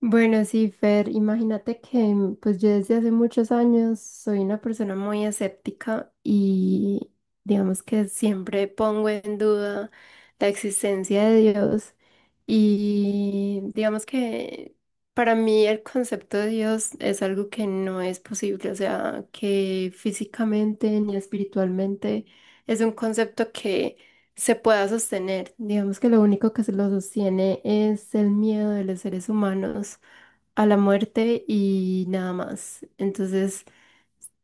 Bueno, sí, Fer, imagínate que pues yo desde hace muchos años soy una persona muy escéptica y digamos que siempre pongo en duda la existencia de Dios y digamos que para mí el concepto de Dios es algo que no es posible, o sea, que físicamente ni espiritualmente es un concepto que se pueda sostener. Digamos que lo único que se lo sostiene es el miedo de los seres humanos a la muerte y nada más. Entonces,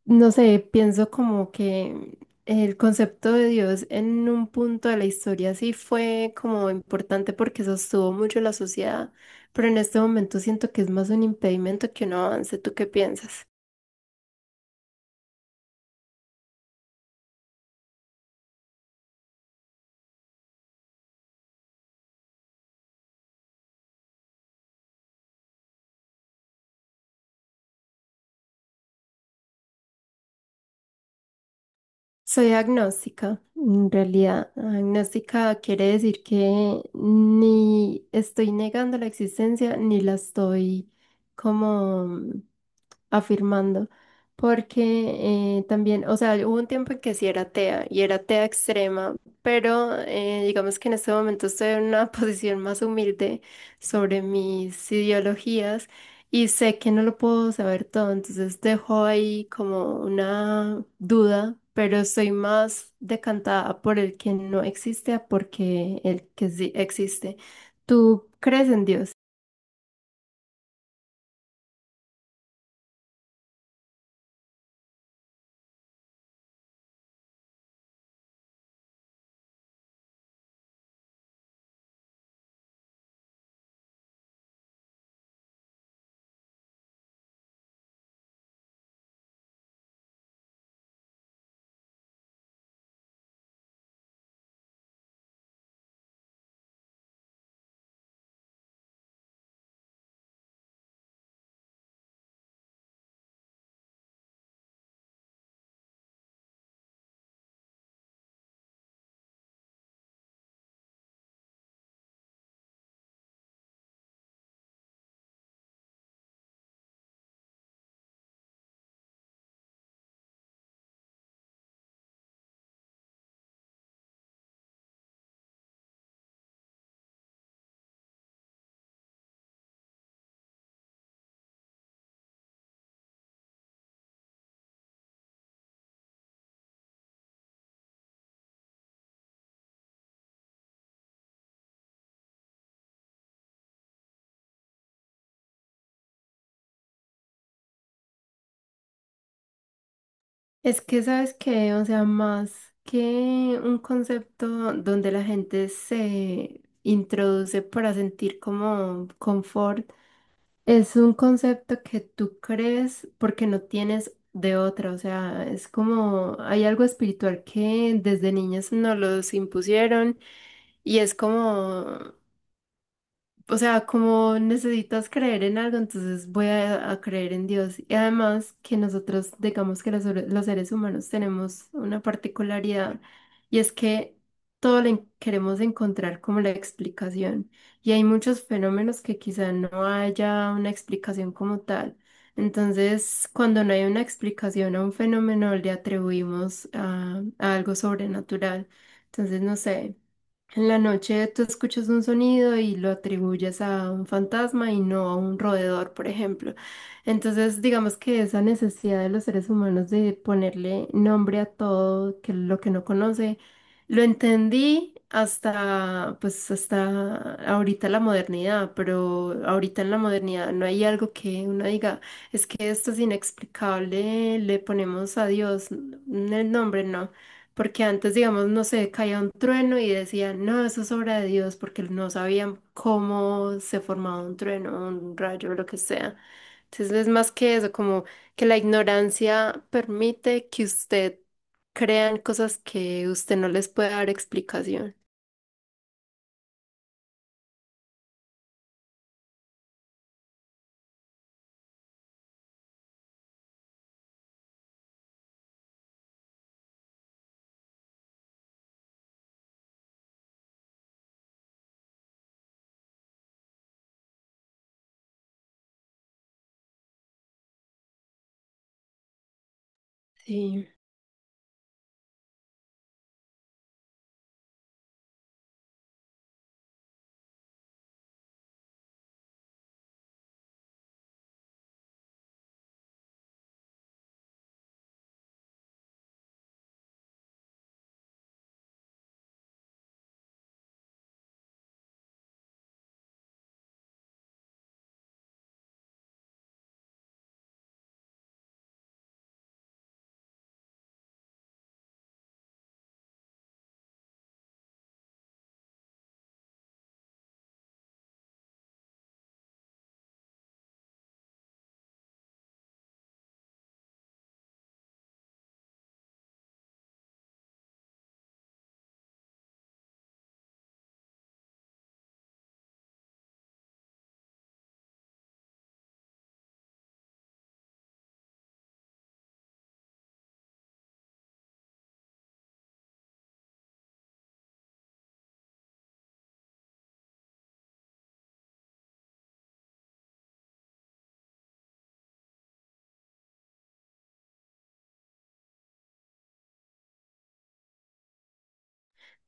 no sé, pienso como que el concepto de Dios en un punto de la historia sí fue como importante porque sostuvo mucho la sociedad, pero en este momento siento que es más un impedimento que un avance. ¿Tú qué piensas? Soy agnóstica. En realidad, agnóstica quiere decir que ni estoy negando la existencia ni la estoy como afirmando, porque también, o sea, hubo un tiempo en que sí era atea y era atea extrema, pero digamos que en este momento estoy en una posición más humilde sobre mis ideologías y sé que no lo puedo saber todo, entonces dejo ahí como una duda, pero estoy más decantada por el que no existe a porque el que sí existe. ¿Tú crees en Dios? Es que sabes que, o sea, más que un concepto donde la gente se introduce para sentir como confort, es un concepto que tú crees porque no tienes de otra, o sea, es como hay algo espiritual que desde niños nos los impusieron y es como o sea, como necesitas creer en algo, entonces voy a creer en Dios. Y además que nosotros, digamos que los seres humanos tenemos una particularidad y es que todo le queremos encontrar como la explicación. Y hay muchos fenómenos que quizá no haya una explicación como tal. Entonces, cuando no hay una explicación a un fenómeno, le atribuimos a algo sobrenatural. Entonces, no sé. En la noche tú escuchas un sonido y lo atribuyes a un fantasma y no a un roedor, por ejemplo. Entonces, digamos que esa necesidad de los seres humanos de ponerle nombre a todo que lo que no conoce, lo entendí hasta pues hasta ahorita la modernidad, pero ahorita en la modernidad no hay algo que uno diga, es que esto es inexplicable, le ponemos a Dios el nombre, no. Porque antes, digamos, no sé, caía un trueno y decían, no, eso es obra de Dios, porque no sabían cómo se formaba un trueno, un rayo, lo que sea. Entonces es más que eso, como que la ignorancia permite que usted crean cosas que usted no les puede dar explicación. Sí.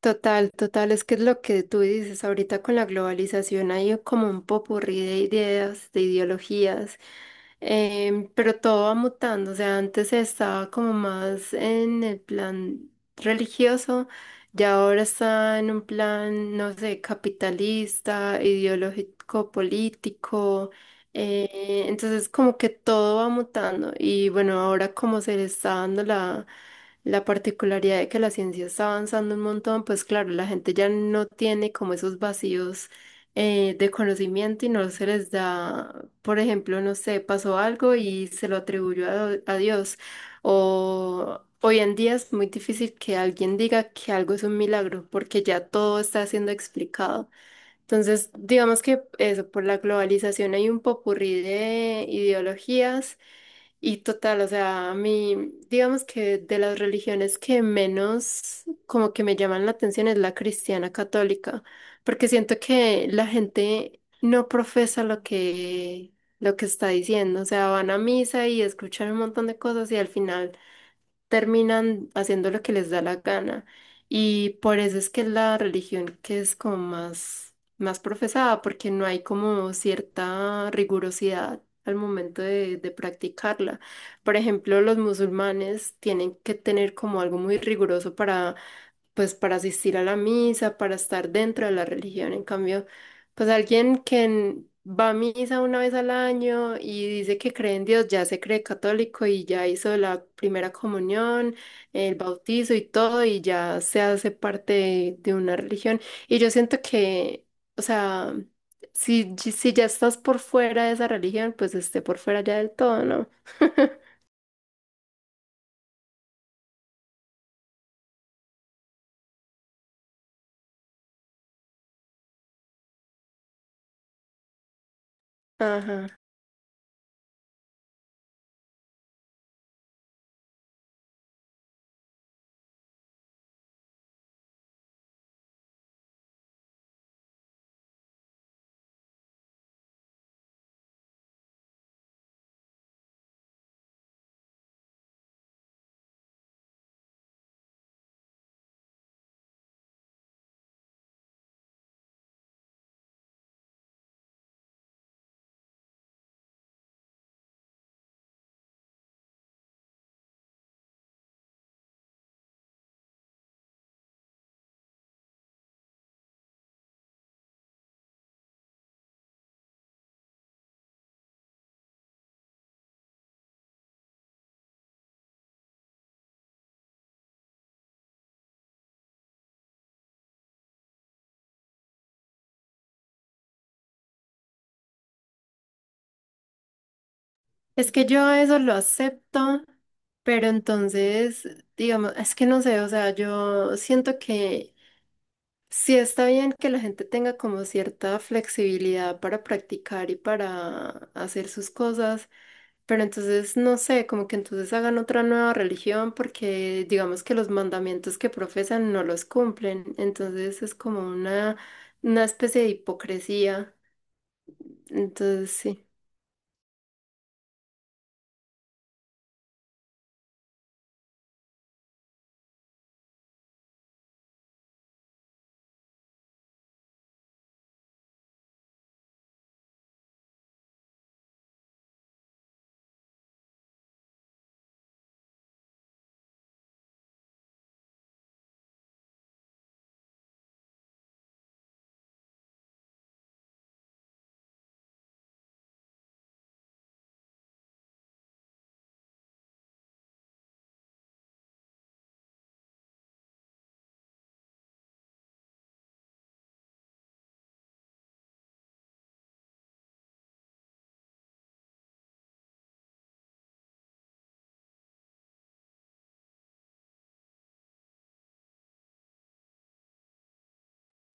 Total, total, es que es lo que tú dices ahorita con la globalización, hay como un popurrí de ideas, de ideologías, pero todo va mutando, o sea, antes estaba como más en el plan religioso, ya ahora está en un plan, no sé, capitalista, ideológico, político, entonces como que todo va mutando y bueno, ahora como se le está dando la la particularidad de que la ciencia está avanzando un montón, pues claro, la gente ya no tiene como esos vacíos de conocimiento y no se les da, por ejemplo, no sé, pasó algo y se lo atribuyó a Dios. O hoy en día es muy difícil que alguien diga que algo es un milagro, porque ya todo está siendo explicado. Entonces, digamos que eso, por la globalización hay un popurrí de ideologías y total, o sea, a mí, digamos que de las religiones que menos como que me llaman la atención es la cristiana católica, porque siento que la gente no profesa lo que está diciendo, o sea, van a misa y escuchan un montón de cosas y al final terminan haciendo lo que les da la gana. Y por eso es que es la religión que es como más, más profesada, porque no hay como cierta rigurosidad al momento de practicarla. Por ejemplo, los musulmanes tienen que tener como algo muy riguroso para pues para asistir a la misa, para estar dentro de la religión. En cambio, pues alguien que va a misa una vez al año y dice que cree en Dios, ya se cree católico y ya hizo la primera comunión, el bautizo y todo, y ya se hace parte de una religión. Y yo siento que, o sea, si, si ya estás por fuera de esa religión, pues esté por fuera ya del todo, ¿no? Ajá. Es que yo eso lo acepto, pero entonces, digamos, es que no sé, o sea, yo siento que sí está bien que la gente tenga como cierta flexibilidad para practicar y para hacer sus cosas, pero entonces, no sé, como que entonces hagan otra nueva religión porque digamos que los mandamientos que profesan no los cumplen, entonces es como una especie de hipocresía, entonces sí.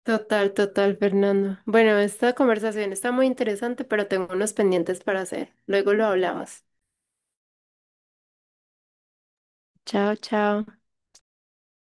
Total, total, Fernando. Bueno, esta conversación está muy interesante, pero tengo unos pendientes para hacer. Luego lo hablamos. Chao, chao.